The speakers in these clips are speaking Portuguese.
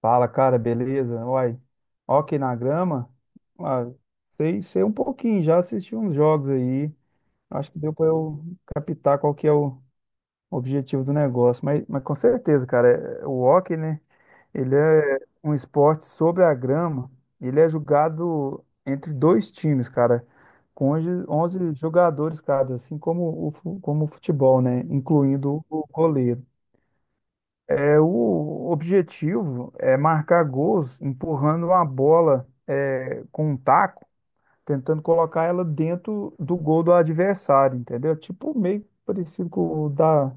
Fala, cara, beleza? Uai, ó aqui na grama, ah, sei um pouquinho, já assisti uns jogos aí, acho que deu pra eu captar qual que é o objetivo do negócio, mas com certeza, cara, é, o hóquei, né, ele é um esporte sobre a grama, ele é jogado entre dois times, cara, com onze jogadores cada, assim como como o futebol, né, incluindo o goleiro. É, o objetivo é marcar gols empurrando a bola com um taco, tentando colocar ela dentro do gol do adversário, entendeu? Tipo meio parecido com o da,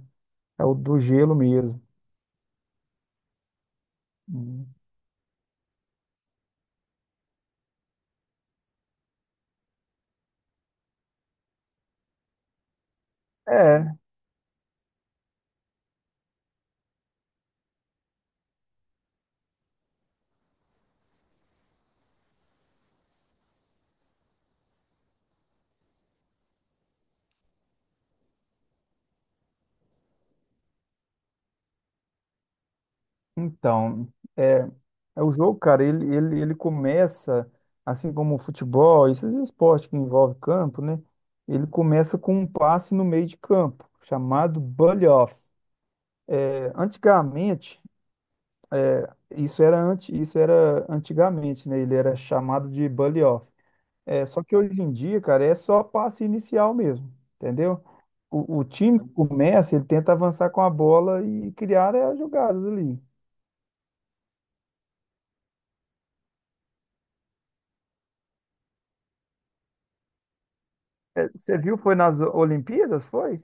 é o do gelo mesmo. Hum. É, então, é, é o jogo, cara, ele começa, assim como o futebol, esses esportes que envolvem campo, né? Ele começa com um passe no meio de campo, chamado bully-off. É, antigamente. Isso era antes, isso era antigamente, né? Ele era chamado de bully off. É, só que hoje em dia, cara, é só passe inicial mesmo, entendeu? O time que começa, ele tenta avançar com a bola e criar as jogadas ali. É, você viu, foi nas Olimpíadas, foi?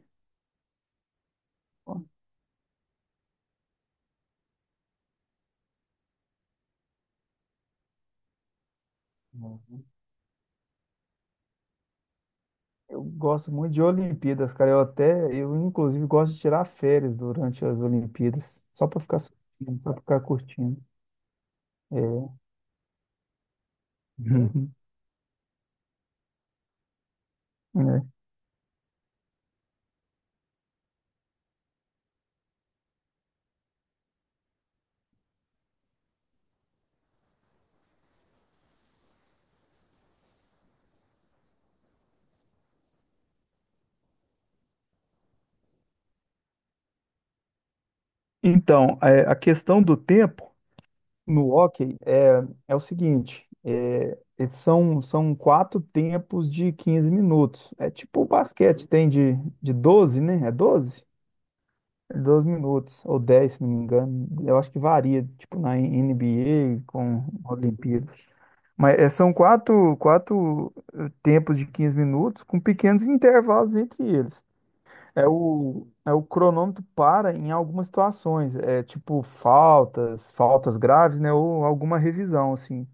Ó, eu gosto muito de Olimpíadas, cara. Eu inclusive gosto de tirar férias durante as Olimpíadas, só para ficar assistindo, para ficar curtindo. É. Uhum. É. Então, a questão do tempo. No hockey é o seguinte, eles são quatro tempos de 15 minutos. É tipo o basquete, tem de 12, né? É 12 minutos, ou 10, se não me engano. Eu acho que varia, tipo na NBA com Olimpíadas. Mas são quatro tempos de 15 minutos com pequenos intervalos entre eles. É o cronômetro para em algumas situações, é tipo faltas, faltas graves, né? Ou alguma revisão, assim.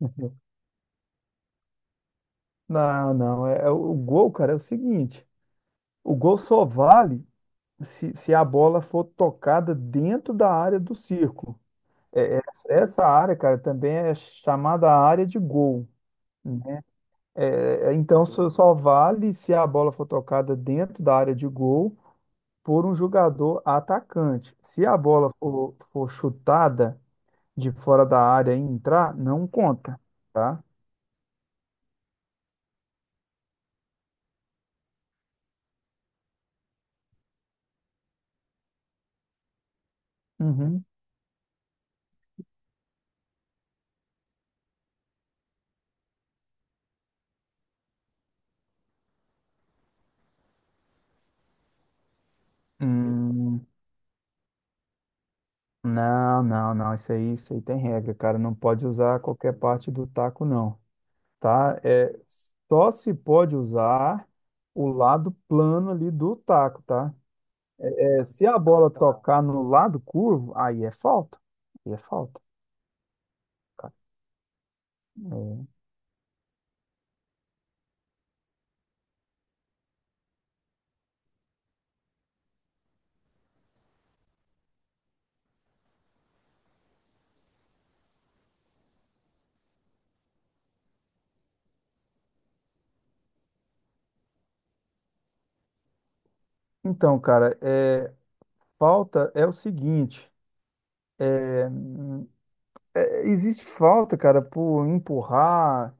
Não, não. É o gol, cara, é o seguinte: o gol só vale se a bola for tocada dentro da área do círculo. É, é- essa área, cara, também é chamada área de gol, né? Então só vale se a bola for tocada dentro da área de gol por um jogador atacante. Se a bola for chutada de fora da área e entrar, não conta, tá? Uhum. Hum, não, não, não. Isso aí tem regra, cara. Não pode usar qualquer parte do taco, não, tá? É, só se pode usar o lado plano ali do taco, tá? É, se a bola tocar no lado curvo, aí é falta. Aí é falta, cara. É. Então, cara, falta é o seguinte. Existe falta, cara, por empurrar,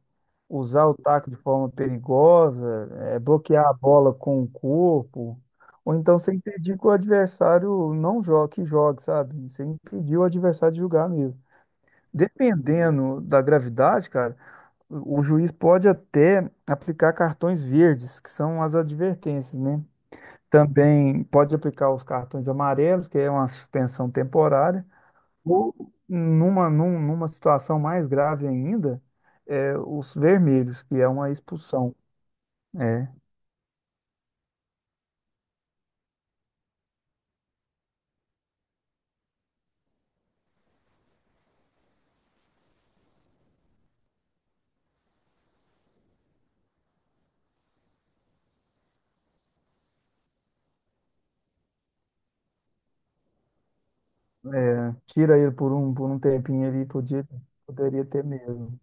usar o taco de forma perigosa, bloquear a bola com o corpo, ou então você impedir que o adversário não jogue, que jogue, sabe? Você impedir o adversário de jogar mesmo. Dependendo da gravidade, cara, o juiz pode até aplicar cartões verdes, que são as advertências, né? Também pode aplicar os cartões amarelos, que é uma suspensão temporária. Ou numa situação mais grave ainda, os vermelhos, que é uma expulsão. É, tira ele por um, tempinho ali, poderia ter mesmo.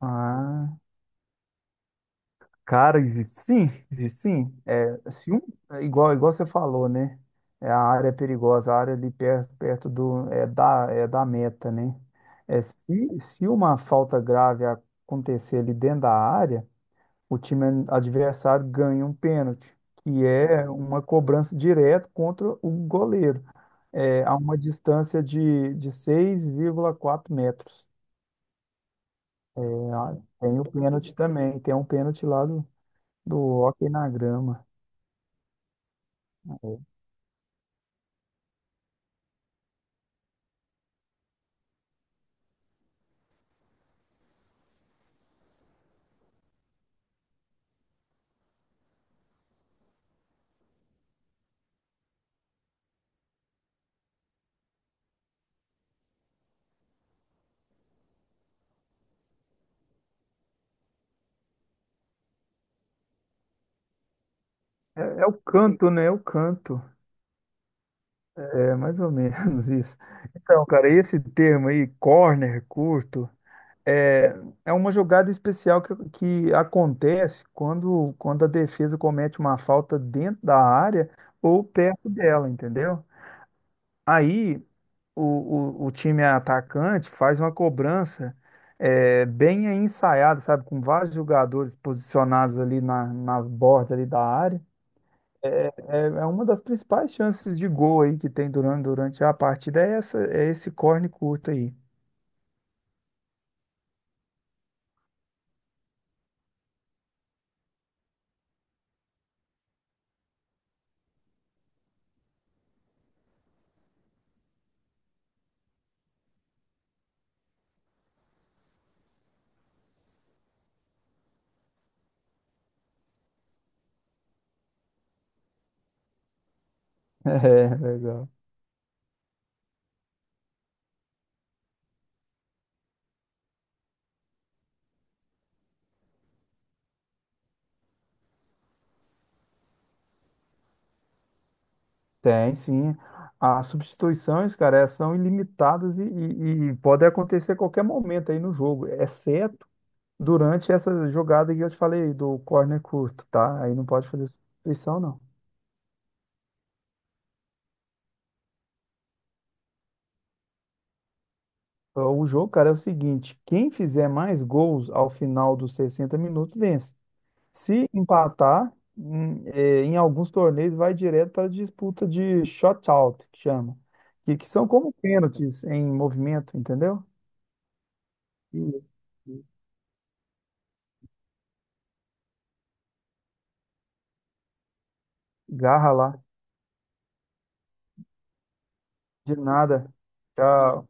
Ah, cara, existe sim, existe sim. É, se um, é igual, igual você falou, né? É a área é perigosa, a área ali perto, perto do, é da meta, né? É, se uma falta grave acontecer ali dentro da área, o time adversário ganha um pênalti, que é uma cobrança direta contra o goleiro, a uma distância de 6,4 metros. Ah, tem o pênalti também, tem um pênalti lá do, hóquei na grama. É o canto, né? É o canto. É mais ou menos isso. Então, cara, esse termo aí, corner curto. É, é uma jogada especial que acontece quando a defesa comete uma falta dentro da área ou perto dela, entendeu? Aí o, o time atacante faz uma cobrança bem ensaiada, sabe? Com vários jogadores posicionados ali na borda ali da área. É uma das principais chances de gol aí que tem durante a partida, é esse corne curto aí. É, legal. Tem, sim. As substituições, cara, elas são ilimitadas e podem acontecer a qualquer momento aí no jogo, exceto durante essa jogada que eu te falei do corner curto, tá? Aí não pode fazer substituição, não. Então, o jogo, cara, é o seguinte: quem fizer mais gols ao final dos 60 minutos vence. Se empatar, em alguns torneios vai direto para a disputa de shootout, que chama, que são como pênaltis em movimento, entendeu? E garra lá. De nada. Tchau.